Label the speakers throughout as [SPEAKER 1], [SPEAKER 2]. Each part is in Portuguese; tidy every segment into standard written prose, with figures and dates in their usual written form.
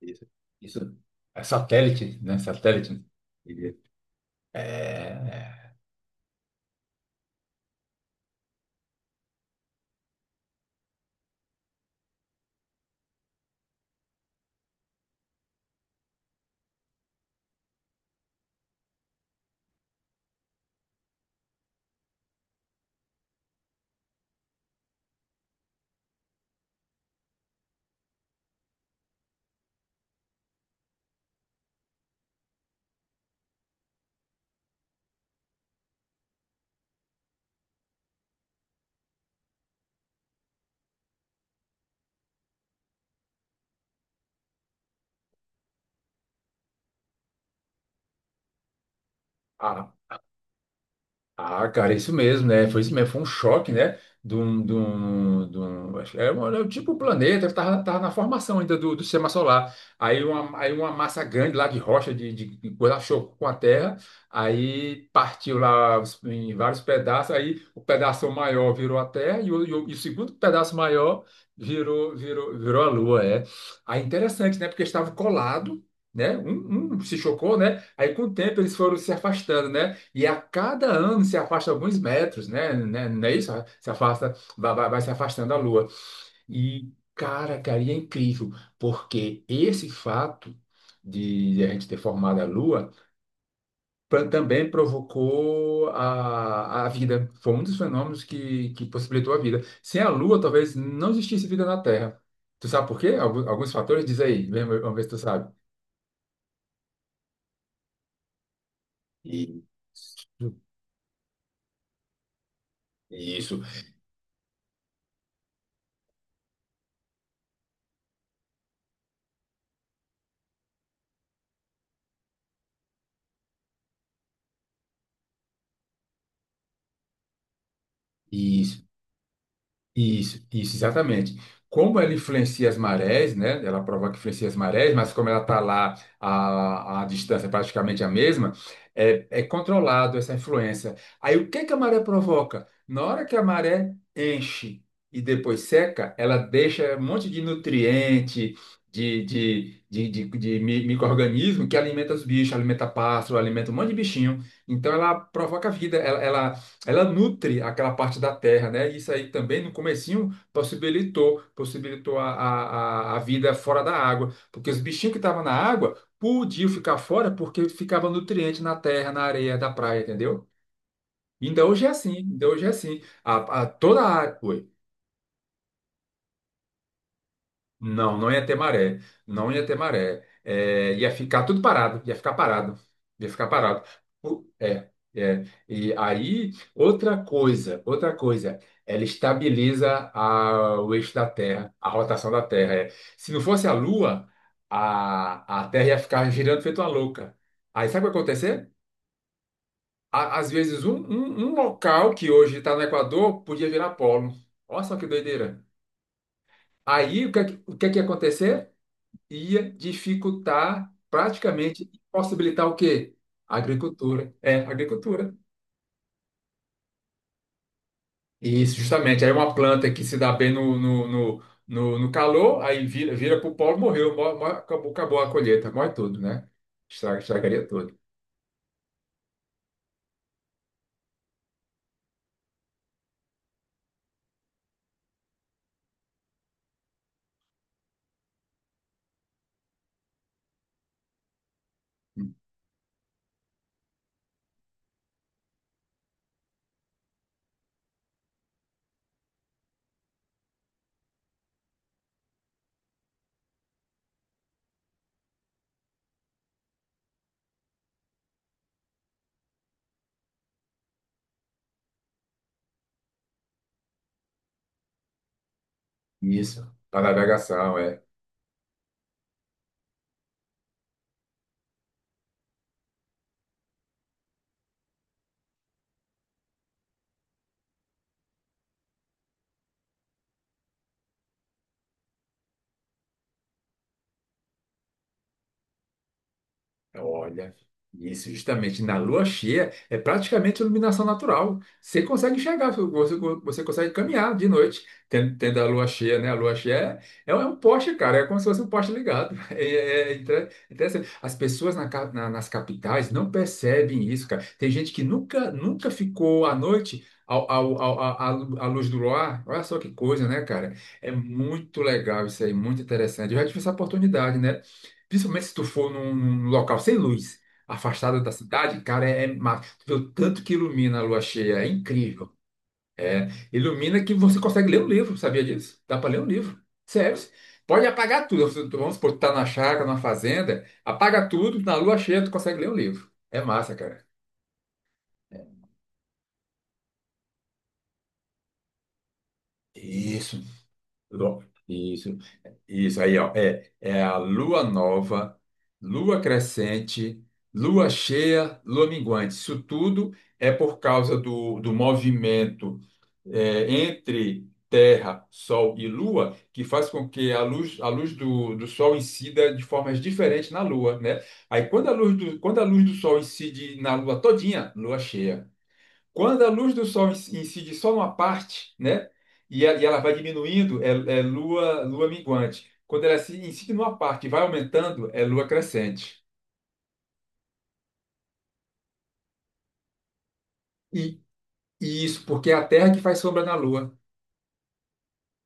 [SPEAKER 1] Isso, isso é satélite, né? Satélite. Ele- É, a Ah, cara, isso mesmo, né? Foi isso mesmo, foi um choque, né? Acho que era, era um tipo um planeta, ele tava na formação ainda do sistema solar. Aí uma massa grande lá de rocha, de coisa, chocou com a Terra, aí partiu lá em vários pedaços, aí o pedaço maior virou a Terra e o segundo pedaço maior virou a Lua, é. Aí interessante, né? Porque estava colado, né? Um se chocou, né? Aí com o tempo eles foram se afastando, né? E a cada ano se afasta alguns metros, né? Não é isso? Se afasta, vai se afastando da Lua. E, cara, e é incrível, porque esse fato de a gente ter formado a Lua também provocou a vida. Foi um dos fenômenos que possibilitou a vida. Sem a Lua, talvez não existisse vida na Terra. Tu sabe por quê? Alguns fatores? Diz aí, vamos ver se tu sabe. E- Isso. Isso. Isso, exatamente. Como ela influencia as marés, né? Ela provoca que influencia as marés, mas como ela está lá, a distância é praticamente a mesma, é, é controlado essa influência. Aí o que que a maré provoca? Na hora que a maré enche e depois seca, ela deixa um monte de nutriente, micro-organismo que alimenta os bichos, alimenta pássaro, alimenta um monte de bichinho. Então ela provoca vida, ela nutre aquela parte da terra, né? E isso aí também no comecinho possibilitou a vida fora da água, porque os bichinhos que estavam na água podiam ficar fora porque ficava nutriente na terra, na areia da praia, entendeu? Ainda hoje é assim, ainda hoje é assim. Toda a área. Não, não ia ter maré. Não ia ter maré. É, ia ficar tudo parado. Ia ficar parado. Ia ficar parado. É, é. E aí, outra coisa, outra coisa. Ela estabiliza o eixo da Terra, a rotação da Terra. É. Se não fosse a Lua, a Terra ia ficar girando feito uma louca. Aí sabe o que ia acontecer? Às vezes, um local que hoje está no Equador podia virar polo. Olha só que doideira. Aí, o que é que ia acontecer? Ia dificultar, praticamente possibilitar o quê? A Agricultura. É, a agricultura. Isso, justamente. Aí uma planta que se dá bem no calor, aí vira para o polo, morreu, acabou, acabou a colheita, morre tudo, né? Estragaria tudo. Isso. Para a navegação, é. Olha, isso justamente na lua cheia é praticamente iluminação natural. Você consegue enxergar, você consegue caminhar de noite, tendo a lua cheia, né? A lua cheia é um poste, cara, é como se fosse um poste ligado. É, é interessante. As pessoas nas capitais não percebem isso, cara. Tem gente que nunca ficou à noite. À luz do luar, olha só que coisa, né, cara? É muito legal isso aí, muito interessante. Eu já tive essa oportunidade, né? Principalmente se tu for num local sem luz, afastada da cidade, cara, é mágico. Tu vê o tanto que ilumina a lua cheia, é incrível. Ilumina que você consegue ler um livro, sabia disso? Dá para ler um livro. Sério. Pode apagar tudo. Se tu- vamos supor, tu tá na chácara, na fazenda, apaga tudo, na lua cheia tu consegue ler um livro. É massa, cara. Isso. Isso, isso aí, ó. É a lua nova, lua crescente, lua cheia, lua minguante. Isso tudo é por causa do movimento é, entre Terra, Sol e Lua, que faz com que a luz do Sol incida de formas diferentes na Lua, né? Aí quando quando a luz do Sol incide na Lua todinha, lua cheia. Quando a luz do sol incide só numa parte, né? E ela vai diminuindo, lua minguante. Quando ela se incide numa parte e vai aumentando, é lua crescente. E, e isso porque é a Terra que faz sombra na Lua,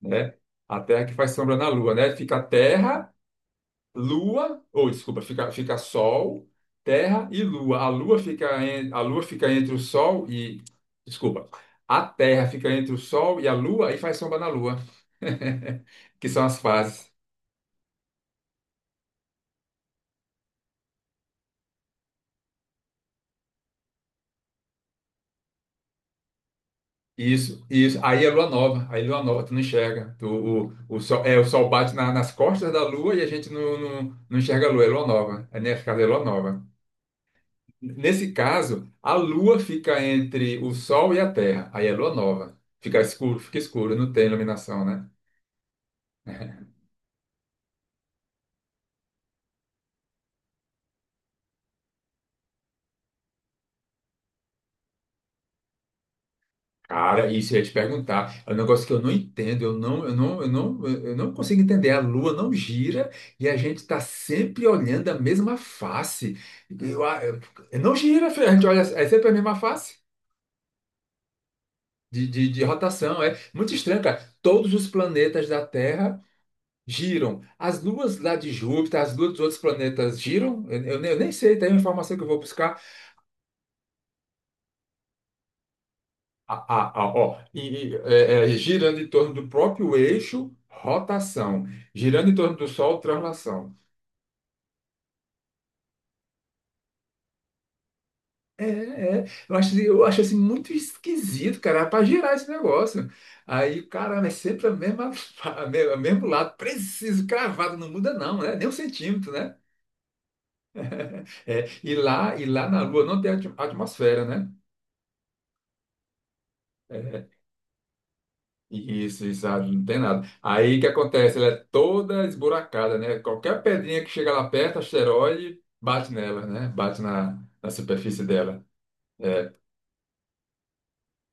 [SPEAKER 1] né? A Terra que faz sombra na Lua, né? Fica Terra, Lua, ou desculpa, fica, fica Sol, Terra e Lua. A Lua fica, a Lua fica entre o Sol e, desculpa, a Terra fica entre o Sol e a Lua e faz sombra na Lua, que são as fases. Isso, isso. Aí é lua nova, aí lua nova, tu não enxerga. Sol, é, o sol bate nas costas da lua e a gente não enxerga a lua, é lua nova. É, nesse caso, é lua nova. Nesse caso, a lua fica entre o sol e a terra, aí é lua nova. Fica escuro, não tem iluminação, né? Cara, isso eu ia te perguntar. É um negócio que eu não entendo, eu não consigo entender. A Lua não gira e a gente está sempre olhando a mesma face. Eu, eu- não gira, filho, a gente olha, é sempre a mesma face de rotação. É muito estranho, cara. Todos os planetas da Terra giram. As luas lá de Júpiter, as luas dos outros planetas giram. Eu nem sei, tem uma informação que eu vou buscar. Ah, ó, girando em torno do próprio eixo, rotação. Girando em torno do Sol, translação. É. Eu acho assim muito esquisito, cara, para girar esse negócio. Aí, cara é sempre a mesma, o mesmo lado, preciso, cravado, não muda não, né? Nem um centímetro, né? É, e lá na Lua não tem atmosfera, né? É, isso, ah, não tem nada. Aí o que acontece? Ela é toda esburacada, né? Qualquer pedrinha que chega lá perto, asteroide, bate nela, né? Bate na, na superfície dela.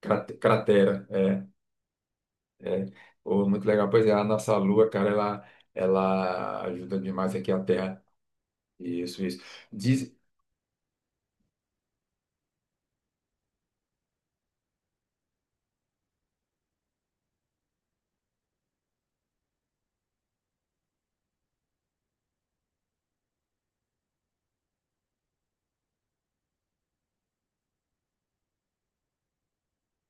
[SPEAKER 1] Cratera, é, é. Pô, muito legal. Pois é, a nossa Lua, cara, ela ajuda demais aqui a Terra. Isso, isso. Diz,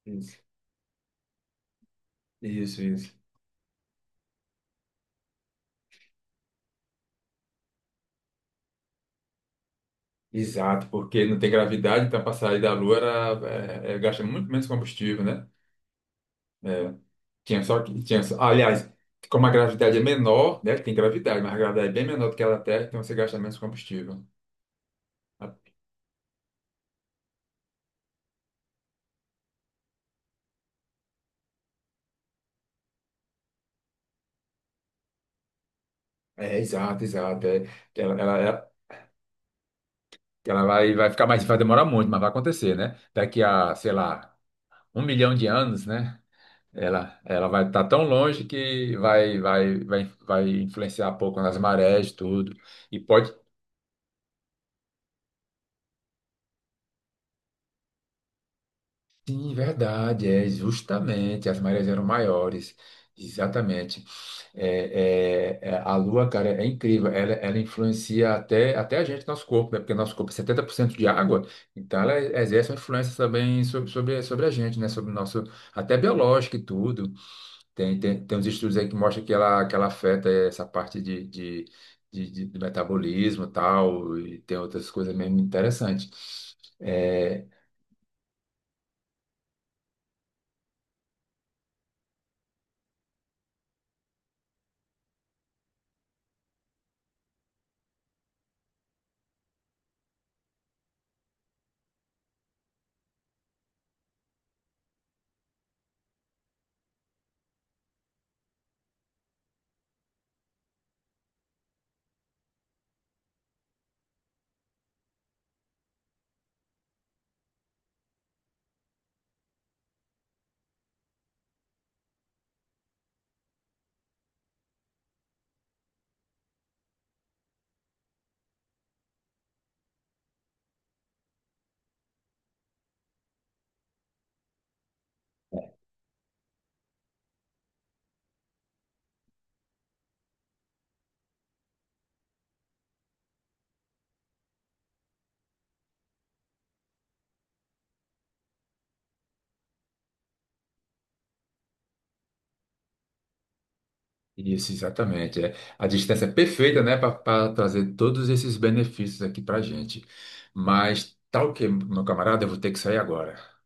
[SPEAKER 1] isso, isso. Isso. Exato, porque não tem gravidade, então para sair da Lua era, gasta muito menos combustível, né? É. Tinha só, aliás, como a gravidade é menor, né? Tem gravidade, mas a gravidade é bem menor do que ela da Terra, então você gasta menos combustível. É, exato, exato. É. ela, ela, ela ela vai, ficar mais, vai demorar muito, mas vai acontecer, né? Daqui a, sei lá, 1 milhão de anos, né? Ela vai estar tão longe que vai influenciar pouco nas marés, tudo. E pode sim, verdade, é justamente, as marés eram maiores, exatamente. A Lua, cara, é incrível, ela influencia até a gente, nosso corpo, né? Porque nosso corpo é 70% de água, então ela exerce uma influência também sobre a gente, né? Sobre o nosso, até biológico e tudo. Tem uns estudos aí que mostram que ela, afeta essa parte de, do metabolismo e tal, e tem outras coisas mesmo interessantes. É, isso, exatamente. É. A distância é perfeita, né, para trazer todos esses benefícios aqui para a gente. Mas, tal que, meu camarada, eu vou ter que sair agora.